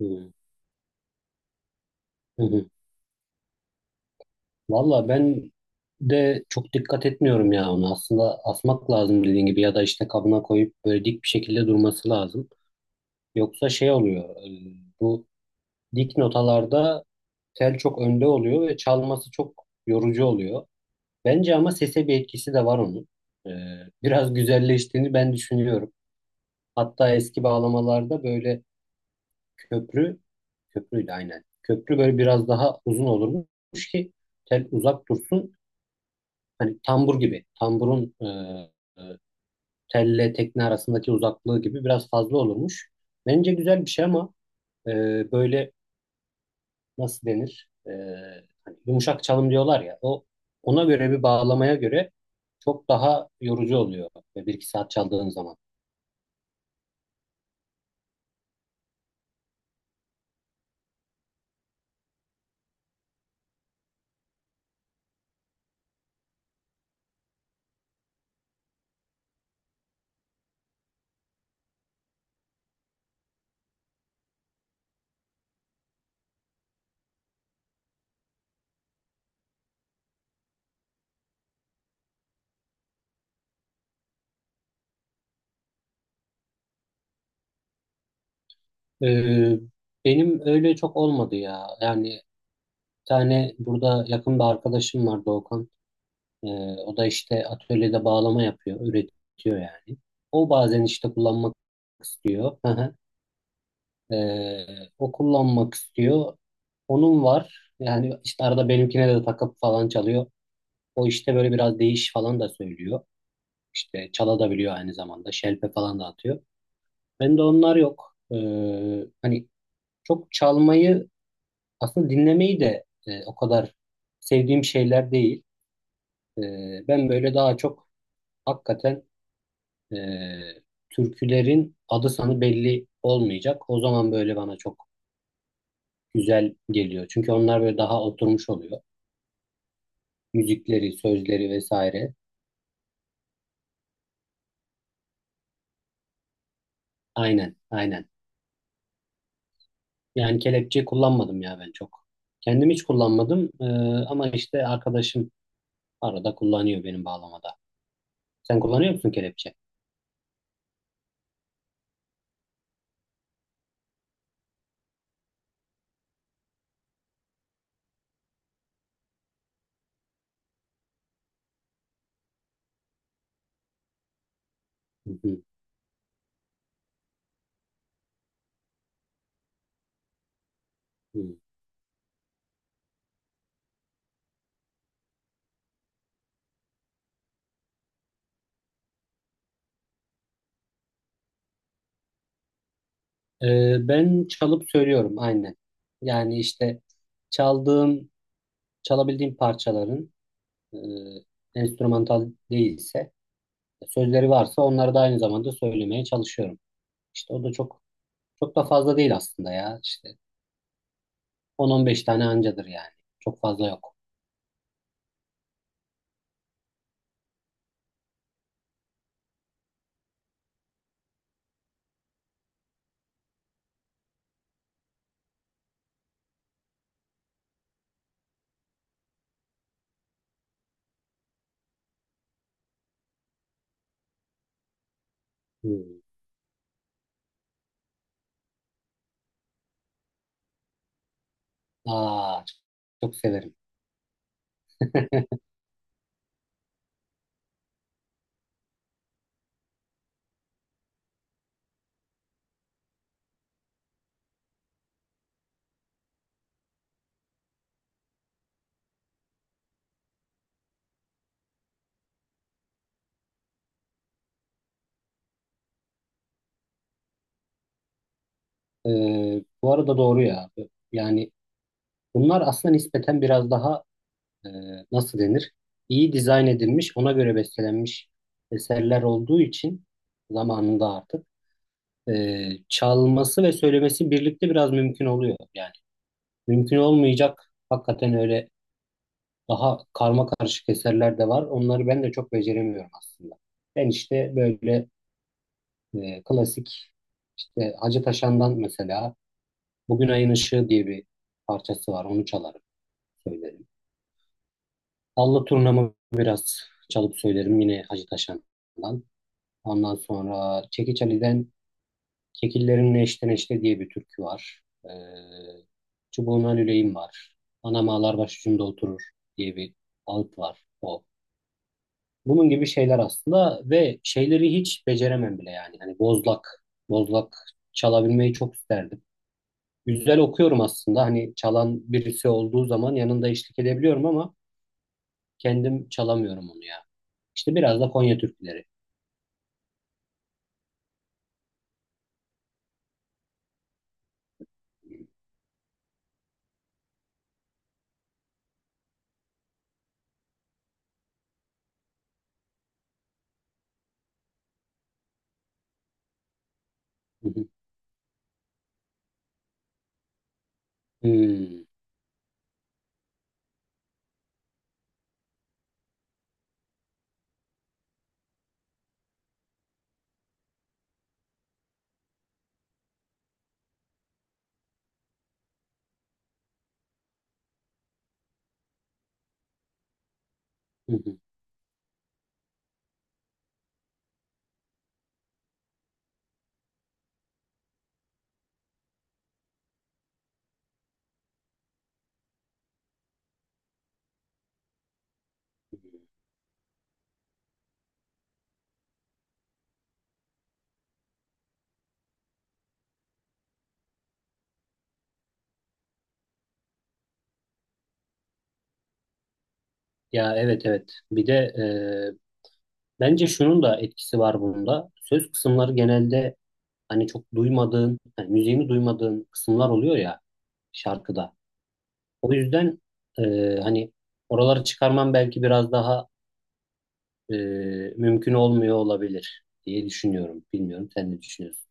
Hı hı. Hı. Valla ben de çok dikkat etmiyorum ya onu. Aslında asmak lazım dediğin gibi ya da işte kabına koyup böyle dik bir şekilde durması lazım. Yoksa şey oluyor. Bu dik notalarda tel çok önde oluyor ve çalması çok yorucu oluyor. Bence ama sese bir etkisi de var onun. E, Biraz güzelleştiğini ben düşünüyorum. Hatta eski bağlamalarda böyle köprü köprüyle aynen. Köprü böyle biraz daha uzun olurmuş ki tel uzak dursun. Hani tambur gibi tamburun e, telle tekne arasındaki uzaklığı gibi biraz fazla olurmuş. Bence güzel bir şey ama e, böyle nasıl denir? Hani yumuşak çalım diyorlar ya o, ona göre bir bağlamaya göre çok daha yorucu oluyor bir iki saat çaldığın zaman. E, Benim öyle çok olmadı ya. Yani bir tane burada yakın bir arkadaşım var, Doğukan. Ee, O da işte atölyede bağlama yapıyor, üretiyor yani. O bazen işte kullanmak istiyor. Hı hı. O kullanmak istiyor. Onun var. Yani işte arada benimkine de takıp falan çalıyor. O işte böyle biraz değiş falan da söylüyor. İşte çala da biliyor aynı zamanda. Şelpe falan da atıyor. Bende onlar yok. Hani çok çalmayı aslında dinlemeyi de o kadar sevdiğim şeyler değil. Ben böyle daha çok hakikaten e, türkülerin adı sanı belli olmayacak. O zaman böyle bana çok güzel geliyor. Çünkü onlar böyle daha oturmuş oluyor. Müzikleri, sözleri vesaire. Aynen, aynen. Yani kelepçe kullanmadım ya ben çok. Kendim hiç kullanmadım, ama işte arkadaşım arada kullanıyor benim bağlamada. Sen kullanıyor musun kelepçe? Hı hı, hı. Ben çalıp söylüyorum aynen. Yani işte çaldığım, çalabildiğim parçaların e, enstrümantal değilse sözleri varsa onları da aynı zamanda söylemeye çalışıyorum. İşte o da çok çok da fazla değil aslında ya. İşte 10-15 tane ancadır yani. Çok fazla yok. Hmm. Aa, çok çok severim. Bu arada doğru ya. Yani bunlar aslında nispeten biraz daha e, nasıl denir? İyi dizayn edilmiş, ona göre bestelenmiş eserler olduğu için zamanında artık e, çalması ve söylemesi birlikte biraz mümkün oluyor. Yani mümkün olmayacak hakikaten öyle. Daha karma karışık eserler de var. Onları ben de çok beceremiyorum aslında. Ben işte böyle klasik işte Hacı Taşan'dan mesela Bugün Ayın Işığı diye bir parçası var. Onu çalarım, söylerim. Allı Turnamı biraz çalıp söylerim yine Hacı Taşan'dan. Ondan sonra Çekiç Ali'den Kekillerin Neşte Neşte diye bir türkü var. Çubuğuna Lüleyim var. Anam ağlar başucumda oturur diye bir alt var. O. Bunun gibi şeyler aslında ve şeyleri hiç beceremem bile yani. Hani bozlak, bozlak çalabilmeyi çok isterdim. Güzel okuyorum aslında. Hani çalan birisi olduğu zaman yanında eşlik edebiliyorum ama kendim çalamıyorum onu ya. İşte biraz da Konya türküleri. Hı hı. Hmm. Hı hı. Ya, evet evet. Bir de e, bence şunun da etkisi var bunda. Söz kısımları genelde hani çok duymadığın, hani müziğini duymadığın kısımlar oluyor ya şarkıda. O yüzden e, hani oraları çıkarmam belki biraz daha e, mümkün olmuyor olabilir diye düşünüyorum. Bilmiyorum, sen ne düşünüyorsun?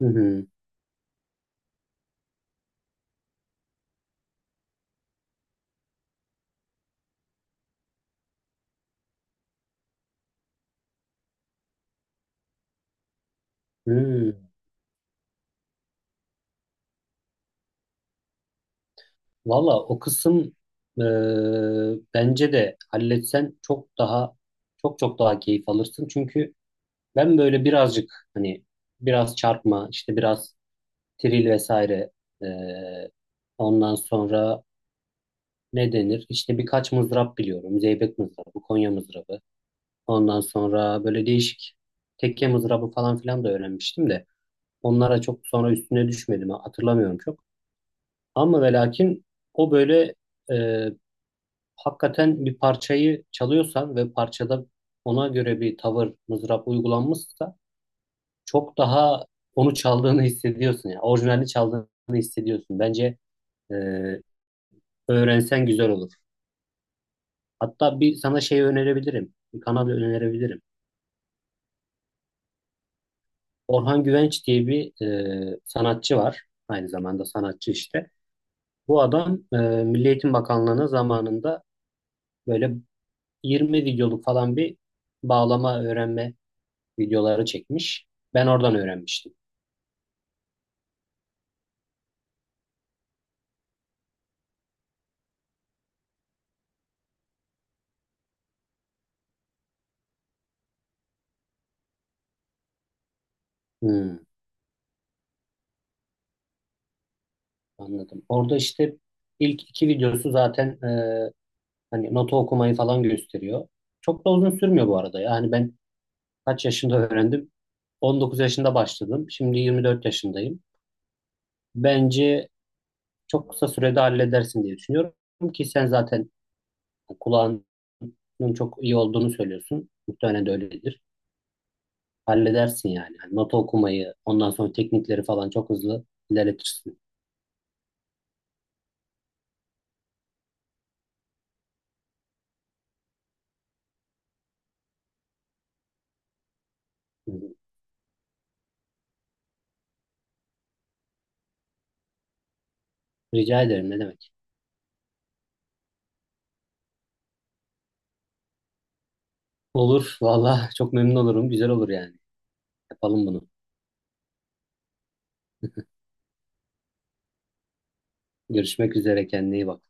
Hı hı. Hı. Valla o kısım e, bence de halletsen çok daha çok çok daha keyif alırsın. Çünkü ben böyle birazcık hani biraz çarpma işte biraz tril vesaire e, ondan sonra ne denir? İşte birkaç mızrap biliyorum. Zeybek mızrabı, Konya mızrabı. Ondan sonra böyle değişik tekke mızrabı falan filan da öğrenmiştim de onlara çok sonra üstüne düşmedim, hatırlamıyorum çok. Ama ve lakin o böyle e, hakikaten bir parçayı çalıyorsan ve parçada ona göre bir tavır mızrap uygulanmışsa çok daha onu çaldığını hissediyorsun, yani orijinalini çaldığını hissediyorsun. Bence e, öğrensen güzel olur. Hatta bir sana şey önerebilirim. Bir kanal önerebilirim. Orhan Güvenç diye bir sanatçı var. Aynı zamanda sanatçı işte. Bu adam Milli Eğitim Bakanlığı'na zamanında böyle 20 videoluk falan bir bağlama öğrenme videoları çekmiş. Ben oradan öğrenmiştim. Hmm, anladım. Orada işte ilk iki videosu zaten hani nota okumayı falan gösteriyor. Çok da uzun sürmüyor bu arada. Yani ben kaç yaşında öğrendim? 19 yaşında başladım. Şimdi 24 yaşındayım. Bence çok kısa sürede halledersin diye düşünüyorum ki sen zaten kulağının çok iyi olduğunu söylüyorsun. Muhtemelen de öyledir. Halledersin yani. Yani nota okumayı, ondan sonra teknikleri falan çok hızlı ilerletirsin. Rica ederim, ne demek. Olur valla, çok memnun olurum. Güzel olur yani. Yapalım bunu. Görüşmek üzere, kendine iyi bak.